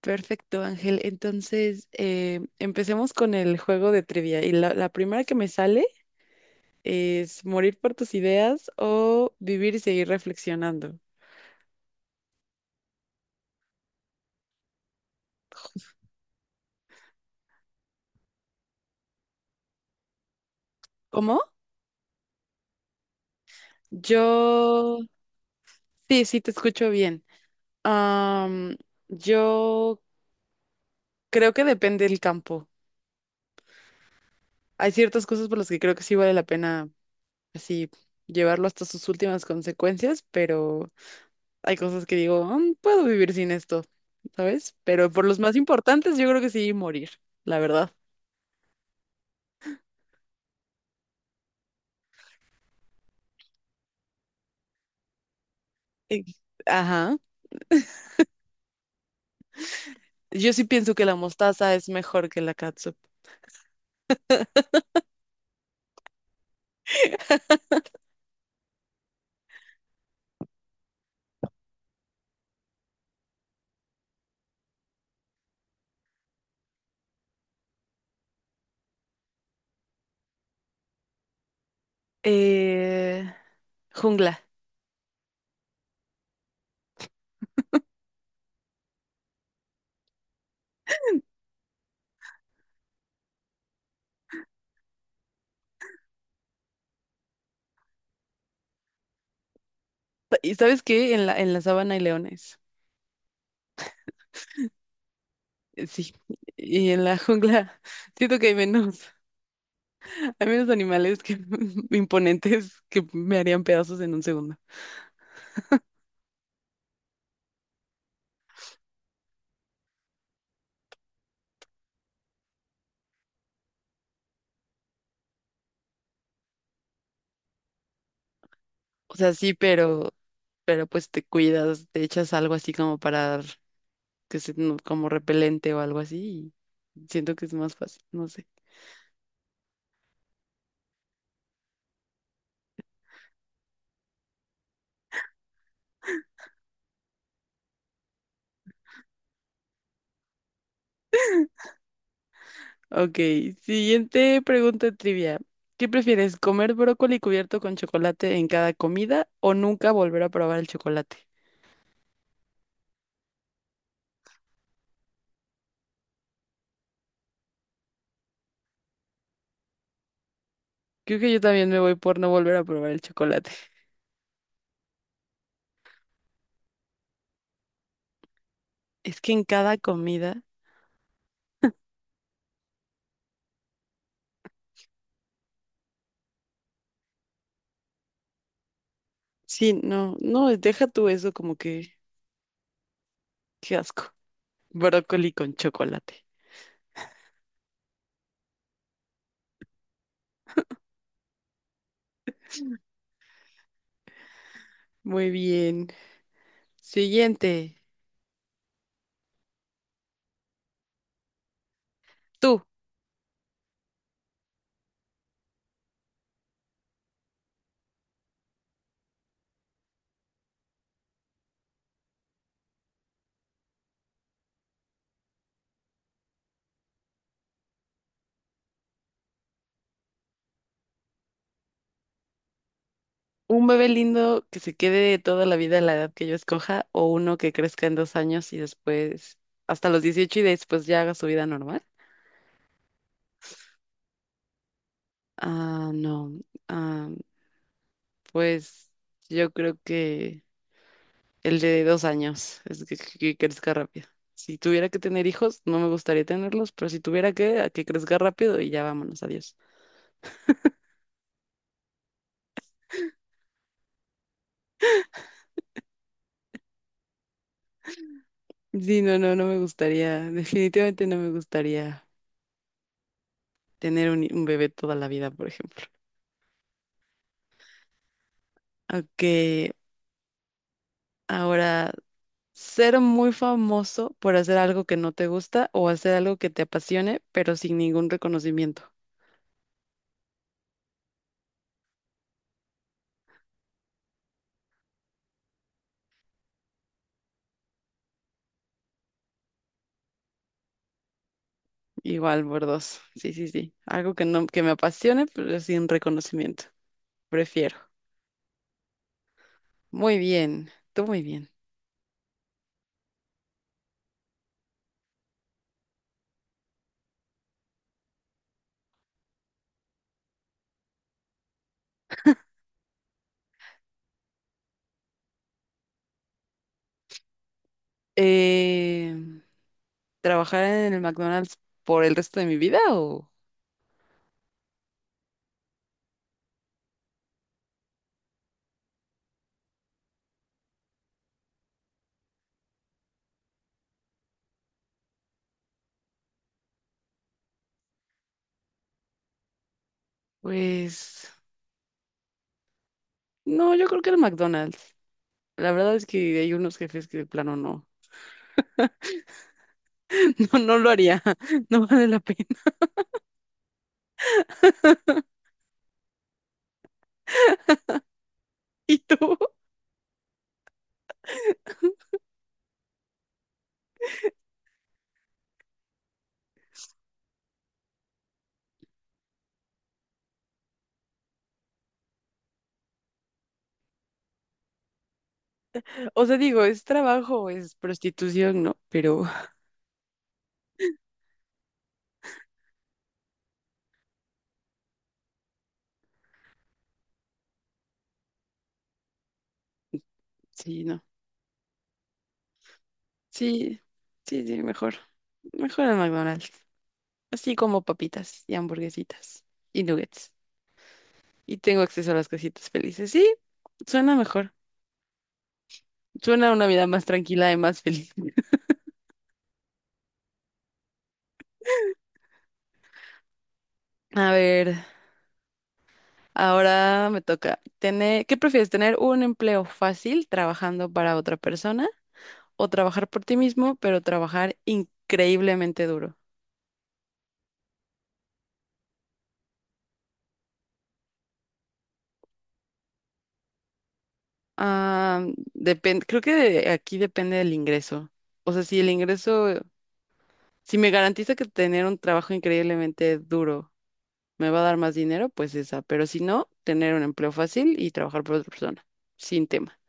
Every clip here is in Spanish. Perfecto, Ángel. Entonces, empecemos con el juego de trivia. Y la primera que me sale es morir por tus ideas o vivir y seguir reflexionando. ¿Cómo? Yo, sí, sí, te escucho bien. Am, yo creo que depende del campo. Hay ciertas cosas por las que creo que sí vale la pena así llevarlo hasta sus últimas consecuencias, pero hay cosas que digo, "Mm, puedo vivir sin esto, ¿sabes?" Pero por los más importantes, yo creo que sí morir, la verdad. Ex- Ajá. Yo sí pienso que la mostaza es mejor que la catsup. Eh, Jungla. ¿Y sabes qué? En la sabana hay leones. Sí. Y en la jungla siento que hay menos, hay menos animales que imponentes que me harían pedazos en un segundo. O sea, sí, pero, pues te cuidas, te echas algo así como para que es como repelente o algo así. Y siento que es más fácil, no sé. Ok, siguiente pregunta trivia. ¿Qué prefieres, comer brócoli cubierto con chocolate en cada comida o nunca volver a probar el chocolate? Creo que yo también me voy por no volver a probar el chocolate. Es que en cada comida, sí, no, no, deja tú eso como que, qué asco. Brócoli con chocolate. Muy bien. Siguiente, tú. ¿Un bebé lindo que se quede toda la vida a la edad que yo escoja o uno que crezca en 2 años y después hasta los 18 y después ya haga su vida normal? Ah, no. Ah, pues yo creo que el de dos años es que, crezca rápido. Si tuviera que tener hijos, no me gustaría tenerlos, pero si tuviera a que crezca rápido y ya vámonos, adiós. Sí, no, no, no me gustaría, definitivamente no me gustaría tener un bebé toda la vida, por ejemplo. Ok, ahora, ser muy famoso por hacer algo que no te gusta o hacer algo que te apasione, pero sin ningún reconocimiento. Igual por dos. Sí, sí, sí. Algo que no, que me apasione, pero sin reconocimiento. Prefiero. Muy bien. Tú muy bien. Eh, ¿Trabajar en el McDonald's por el resto de mi vida o? Pues no, yo creo que el McDonald's. La verdad es que hay unos jefes que de plano no, no, no lo haría. No vale la pena. ¿Y tú? O sea, digo, es trabajo, es prostitución, ¿no? Pero sí, no. Sí, sí, sí, mejor. Mejor al McDonald's. Así como papitas y hamburguesitas y nuggets. Y tengo acceso a las casitas felices. Sí, suena mejor. Suena a una vida más tranquila y más feliz. A ver, ahora me toca. ¿Qué prefieres? ¿Tener un empleo fácil trabajando para otra persona o trabajar por ti mismo, pero trabajar increíblemente duro? Ah, depende, creo que aquí depende del ingreso. O sea, si me garantiza que tener un trabajo increíblemente duro me va a dar más dinero, pues esa. Pero si no, tener un empleo fácil y trabajar por otra persona, sin tema.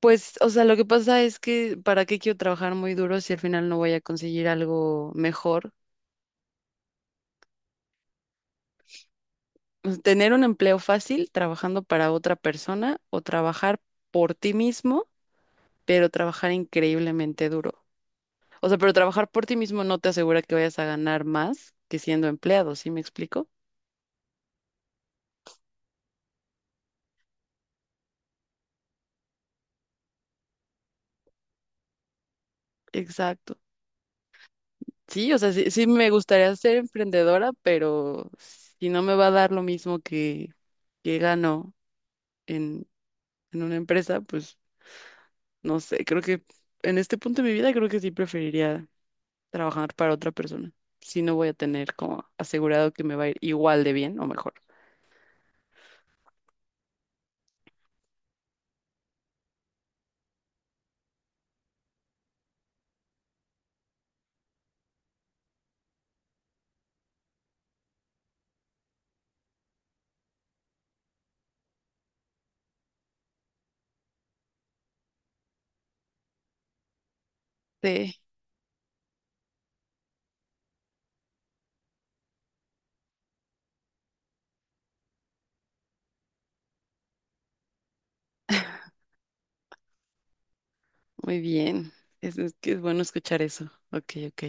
Pues, o sea, lo que pasa es que, ¿para qué quiero trabajar muy duro si al final no voy a conseguir algo mejor? Pues, tener un empleo fácil trabajando para otra persona o trabajar por ti mismo, pero trabajar increíblemente duro. O sea, pero trabajar por ti mismo no te asegura que vayas a ganar más que siendo empleado, ¿sí me explico? Exacto. Sí, o sea, sí, sí me gustaría ser emprendedora, pero si no me va a dar lo mismo que, gano en, en una empresa, pues no sé, creo que en este punto de mi vida creo que sí preferiría trabajar para otra persona. Si no voy a tener como asegurado que me va a ir igual de bien o mejor. Sí, muy bien. es que es bueno escuchar eso. Ok, ok.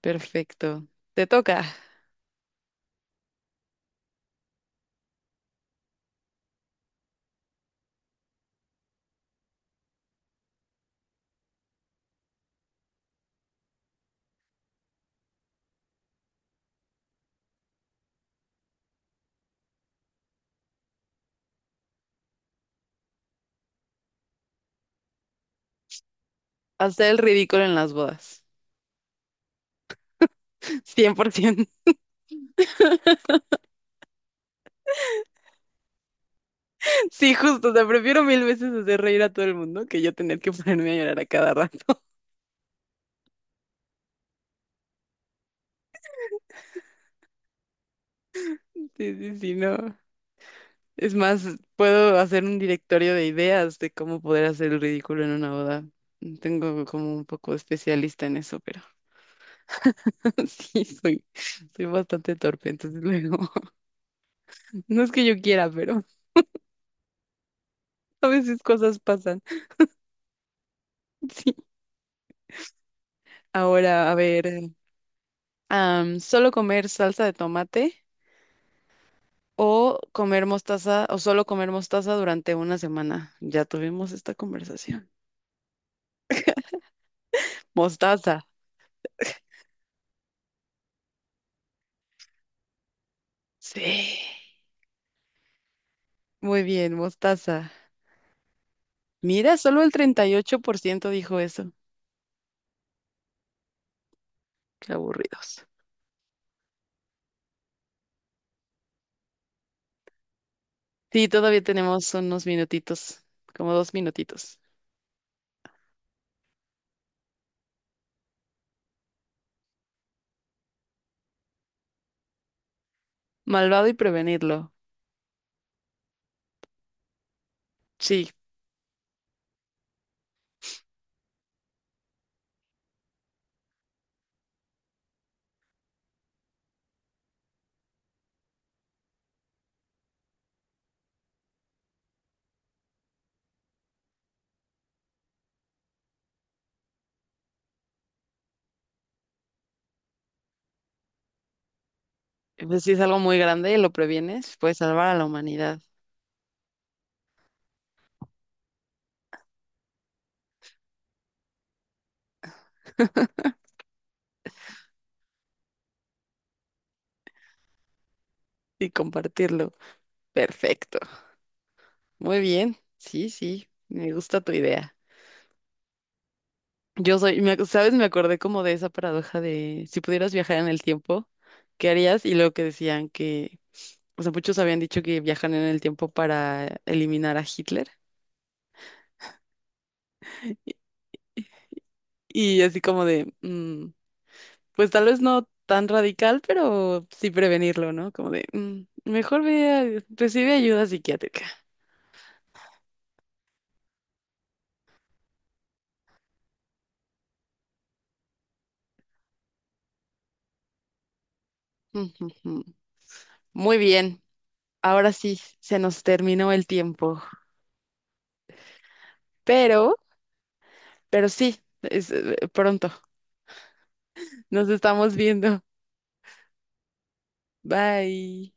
Perfecto. Te toca. Hacer el ridículo en las bodas. 100%. Sí, justo, te prefiero mil veces hacer reír a todo el mundo que yo tener que ponerme a llorar a cada rato. Sí, sí, sí, no. Es más, puedo hacer un directorio de ideas de cómo poder hacer el ridículo en una boda. Tengo como un poco especialista en eso, pero sí, soy bastante torpe, entonces luego, no es que yo quiera, pero a veces cosas pasan. Sí. Ahora, a ver, solo comer salsa de tomate, o comer mostaza, o solo comer mostaza durante una semana. Ya tuvimos esta conversación. Mostaza. Sí. Muy bien, mostaza. Mira, solo el 38% dijo eso. Qué aburridos. Sí, todavía tenemos unos minutitos, como 2 minutitos. Malvado y prevenirlo. Sí, pues si es algo muy grande y lo previenes, puedes salvar a la humanidad y compartirlo. Perfecto. Muy bien. Sí, sí, me gusta tu idea. Yo soy, me ac- ¿Sabes? Me acordé como de esa paradoja de si pudieras viajar en el tiempo, ¿qué harías? Y luego que decían que, o sea, muchos habían dicho que viajan en el tiempo para eliminar a Hitler. Y así como de, pues tal vez no tan radical, pero sí prevenirlo, ¿no? Como de, mejor recibe ayuda psiquiátrica. Ujú, ujú. Muy bien, ahora sí, se nos terminó el tiempo, pero, pero, sí, es pronto, nos estamos viendo. Bye.